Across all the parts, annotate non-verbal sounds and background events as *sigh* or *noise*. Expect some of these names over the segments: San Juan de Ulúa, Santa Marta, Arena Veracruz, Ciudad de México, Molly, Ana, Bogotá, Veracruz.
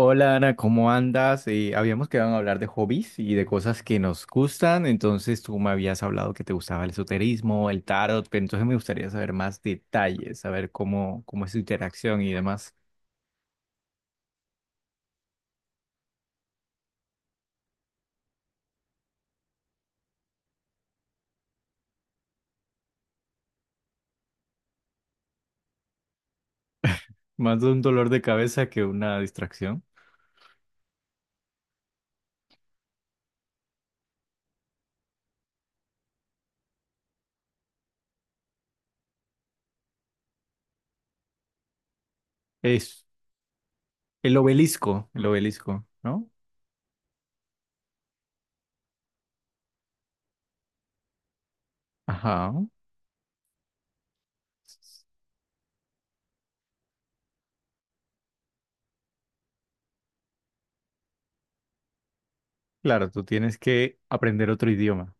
Hola Ana, ¿cómo andas? Habíamos quedado en hablar de hobbies y de cosas que nos gustan, entonces tú me habías hablado que te gustaba el esoterismo, el tarot, pero entonces me gustaría saber más detalles, saber cómo es su interacción y demás. Más de un dolor de cabeza que una distracción. Es el obelisco, ¿no? Ajá. Claro, tú tienes que aprender otro idioma.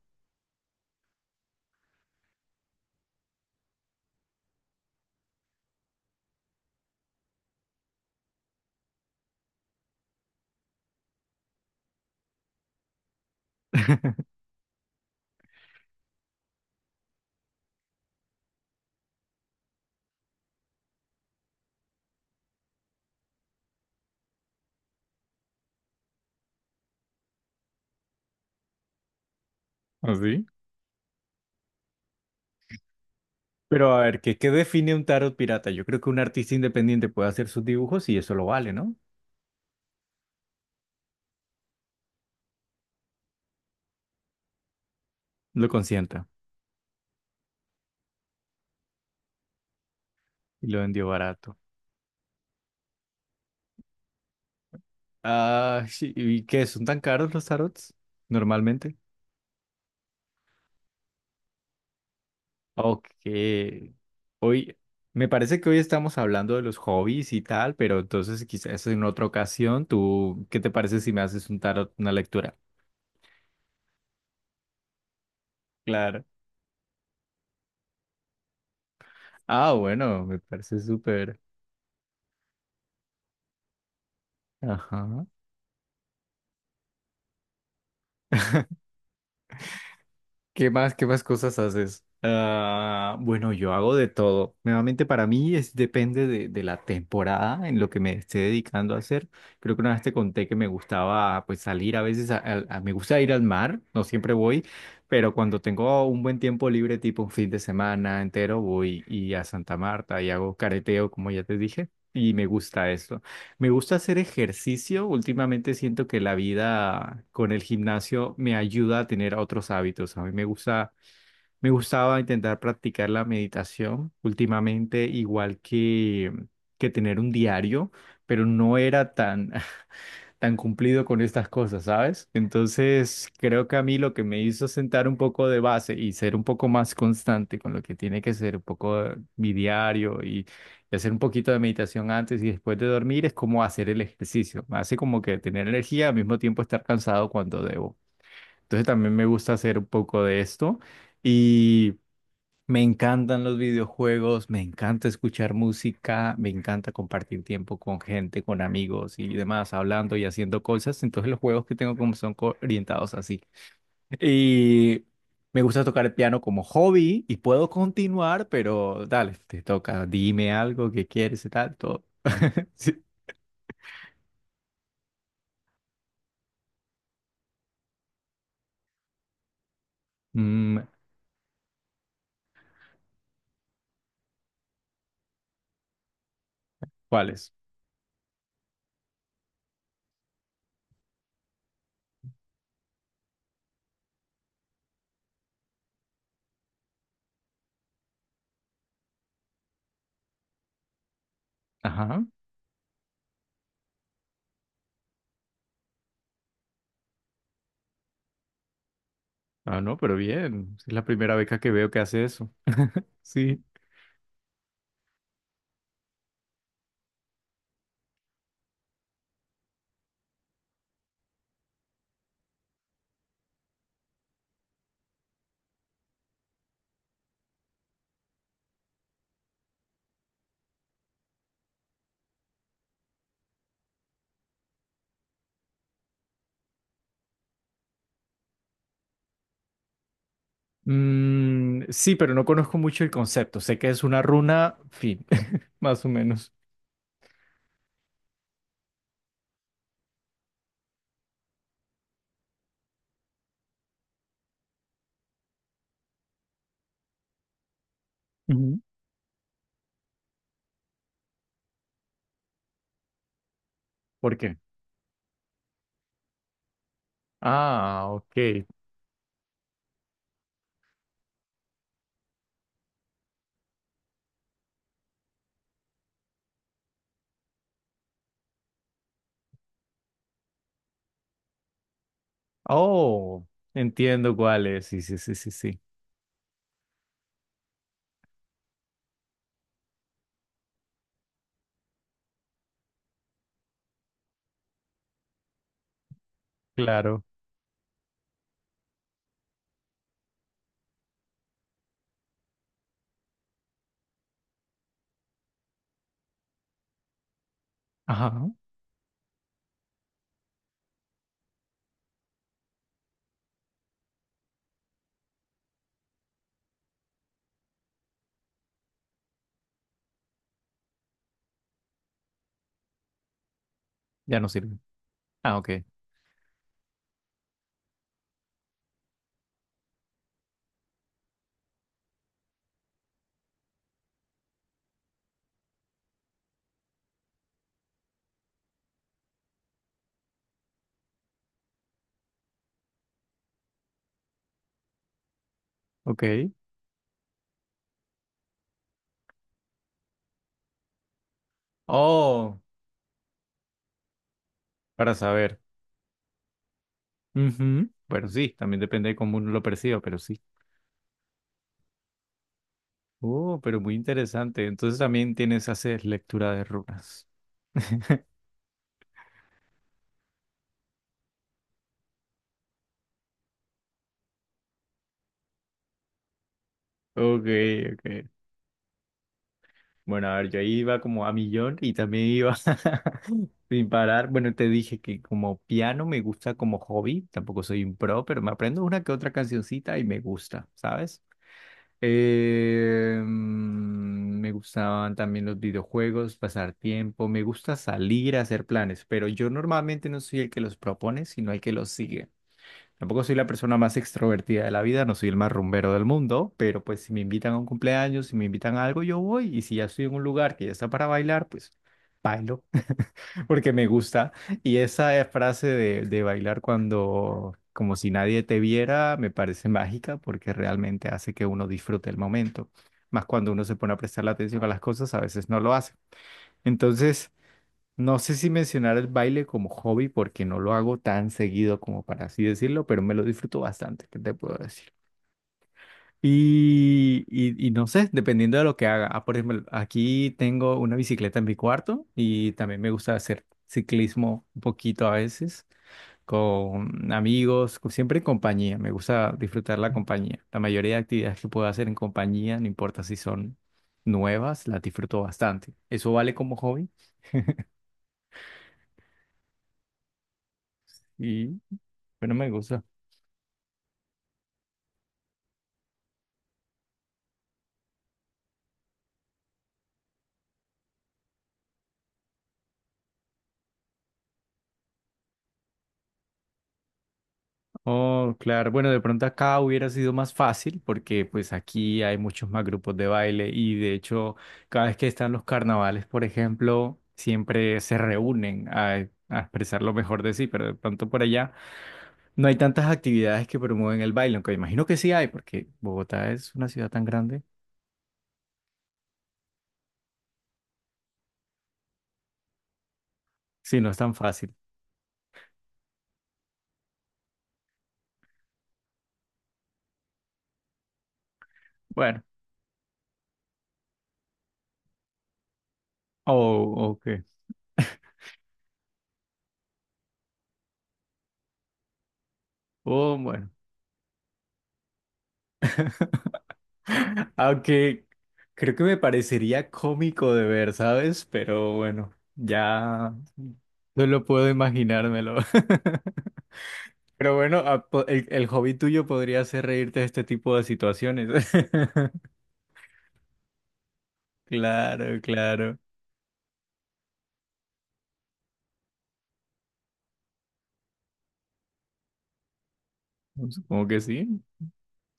¿Así? Pero a ver, ¿qué define un tarot pirata? Yo creo que un artista independiente puede hacer sus dibujos y eso lo vale, ¿no? Lo consienta. Y lo vendió barato. Ah, sí, ¿y qué? ¿Son tan caros los tarots? Normalmente. Ok. Hoy, me parece que hoy estamos hablando de los hobbies y tal, pero entonces quizás en otra ocasión, tú, ¿qué te parece si me haces un tarot, una lectura? Claro. Ah, bueno, me parece súper. Ajá. ¿Qué más cosas haces? Ah, bueno, yo hago de todo. Nuevamente para mí es depende de la temporada en lo que me esté dedicando a hacer. Creo que una vez te conté que me gustaba pues salir a veces, me gusta ir al mar, no siempre voy, pero cuando tengo un buen tiempo libre, tipo un fin de semana entero, voy y a Santa Marta y hago careteo, como ya te dije, y me gusta eso. Me gusta hacer ejercicio. Últimamente siento que la vida con el gimnasio me ayuda a tener otros hábitos. A mí me gusta, me gustaba intentar practicar la meditación últimamente, igual que tener un diario, pero no era tan cumplido con estas cosas, ¿sabes? Entonces, creo que a mí lo que me hizo sentar un poco de base y ser un poco más constante con lo que tiene que ser un poco mi diario y hacer un poquito de meditación antes y después de dormir es como hacer el ejercicio. Me hace como que tener energía al mismo tiempo estar cansado cuando debo. Entonces, también me gusta hacer un poco de esto y... Me encantan los videojuegos, me encanta escuchar música, me encanta compartir tiempo con gente, con amigos y demás, hablando y haciendo cosas. Entonces los juegos que tengo como son orientados así. Y me gusta tocar el piano como hobby y puedo continuar, pero dale, te toca, dime algo que quieres y tal, todo. *laughs* Sí. Mm, ¿Cuáles? Ajá. Ah, no, pero bien. Es la primera beca que veo que hace eso. *laughs* Sí. Sí, pero no conozco mucho el concepto. Sé que es una runa, fin, *laughs* más o menos. Ujú. ¿Por qué? Ah, ok. Oh, entiendo cuál es. Sí, sí, sí, sí, sí. Claro. Ajá, ya no sirve. Ah, ok. Oh, para saber. Ujú. Bueno, sí, también depende de cómo uno lo perciba, pero sí. Oh, pero muy interesante. Entonces también tienes, haces lectura de runas. Ok, ok. Bueno, a ver, yo ahí iba como a millón y también iba. *laughs* Sin parar, bueno, te dije que como piano me gusta como hobby, tampoco soy un pro, pero me aprendo una que otra cancioncita y me gusta, ¿sabes? Me gustaban también los videojuegos, pasar tiempo, me gusta salir a hacer planes, pero yo normalmente no soy el que los propone, sino el que los sigue. Tampoco soy la persona más extrovertida de la vida, no soy el más rumbero del mundo, pero pues si me invitan a un cumpleaños, si me invitan a algo, yo voy, y si ya estoy en un lugar que ya está para bailar, pues... Bailo porque me gusta. Y esa frase de bailar cuando, como si nadie te viera, me parece *laughs* mágica porque realmente hace que uno disfrute el momento. Más cuando uno se pone a prestar la atención a las cosas, a veces no lo hace. Entonces, no sé si mencionar el baile como hobby porque no lo hago tan seguido como para así decirlo, pero me lo disfruto bastante, ¿qué te puedo decir? Y no sé, dependiendo de lo que haga. Ah, por ejemplo, aquí tengo una bicicleta en mi cuarto y también me gusta hacer ciclismo un poquito a veces con amigos, siempre en compañía. Me gusta disfrutar la compañía. La mayoría de actividades que puedo hacer en compañía, no importa si son nuevas, las disfruto bastante. Eso vale como hobby y bueno, me gusta. Oh, claro. Bueno, de pronto acá hubiera sido más fácil porque pues aquí hay muchos más grupos de baile y de hecho cada vez que están los carnavales, por ejemplo, siempre se reúnen a expresar lo mejor de sí, pero de pronto por allá no hay tantas actividades que promueven el baile, aunque imagino que sí hay porque Bogotá es una ciudad tan grande, sí, no es tan fácil. Bueno, oh, ok. Oh, bueno. *laughs* Aunque creo que me parecería cómico de ver, ¿sabes? Pero bueno, ya solo puedo imaginármelo. *laughs* Pero bueno, el hobby tuyo podría ser reírte de este tipo de situaciones. *laughs* Claro, claro. Supongo que sí.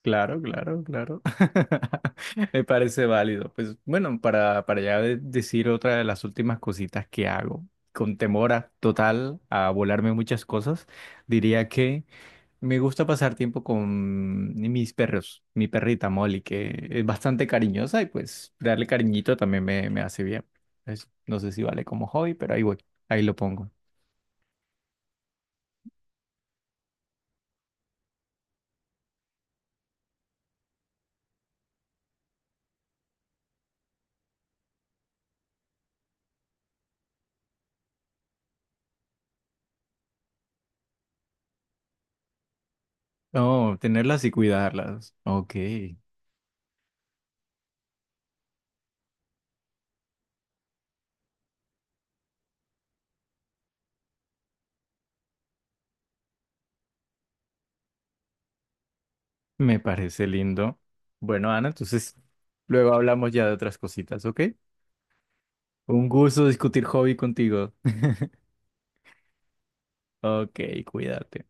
Claro, claro, claro. *laughs* Me parece válido. Pues bueno, para ya decir otra de las últimas cositas que hago, con temor total a volarme muchas cosas, diría que... Me gusta pasar tiempo con mis perros, mi perrita Molly, que es bastante cariñosa y pues darle cariñito también me hace bien. No sé si vale como hobby, pero ahí voy, ahí lo pongo. Oh, tenerlas y cuidarlas. Ok, me parece lindo. Bueno, Ana, entonces luego hablamos ya de otras cositas, ¿ok? Un gusto discutir hobby contigo. *laughs* Ok, cuídate.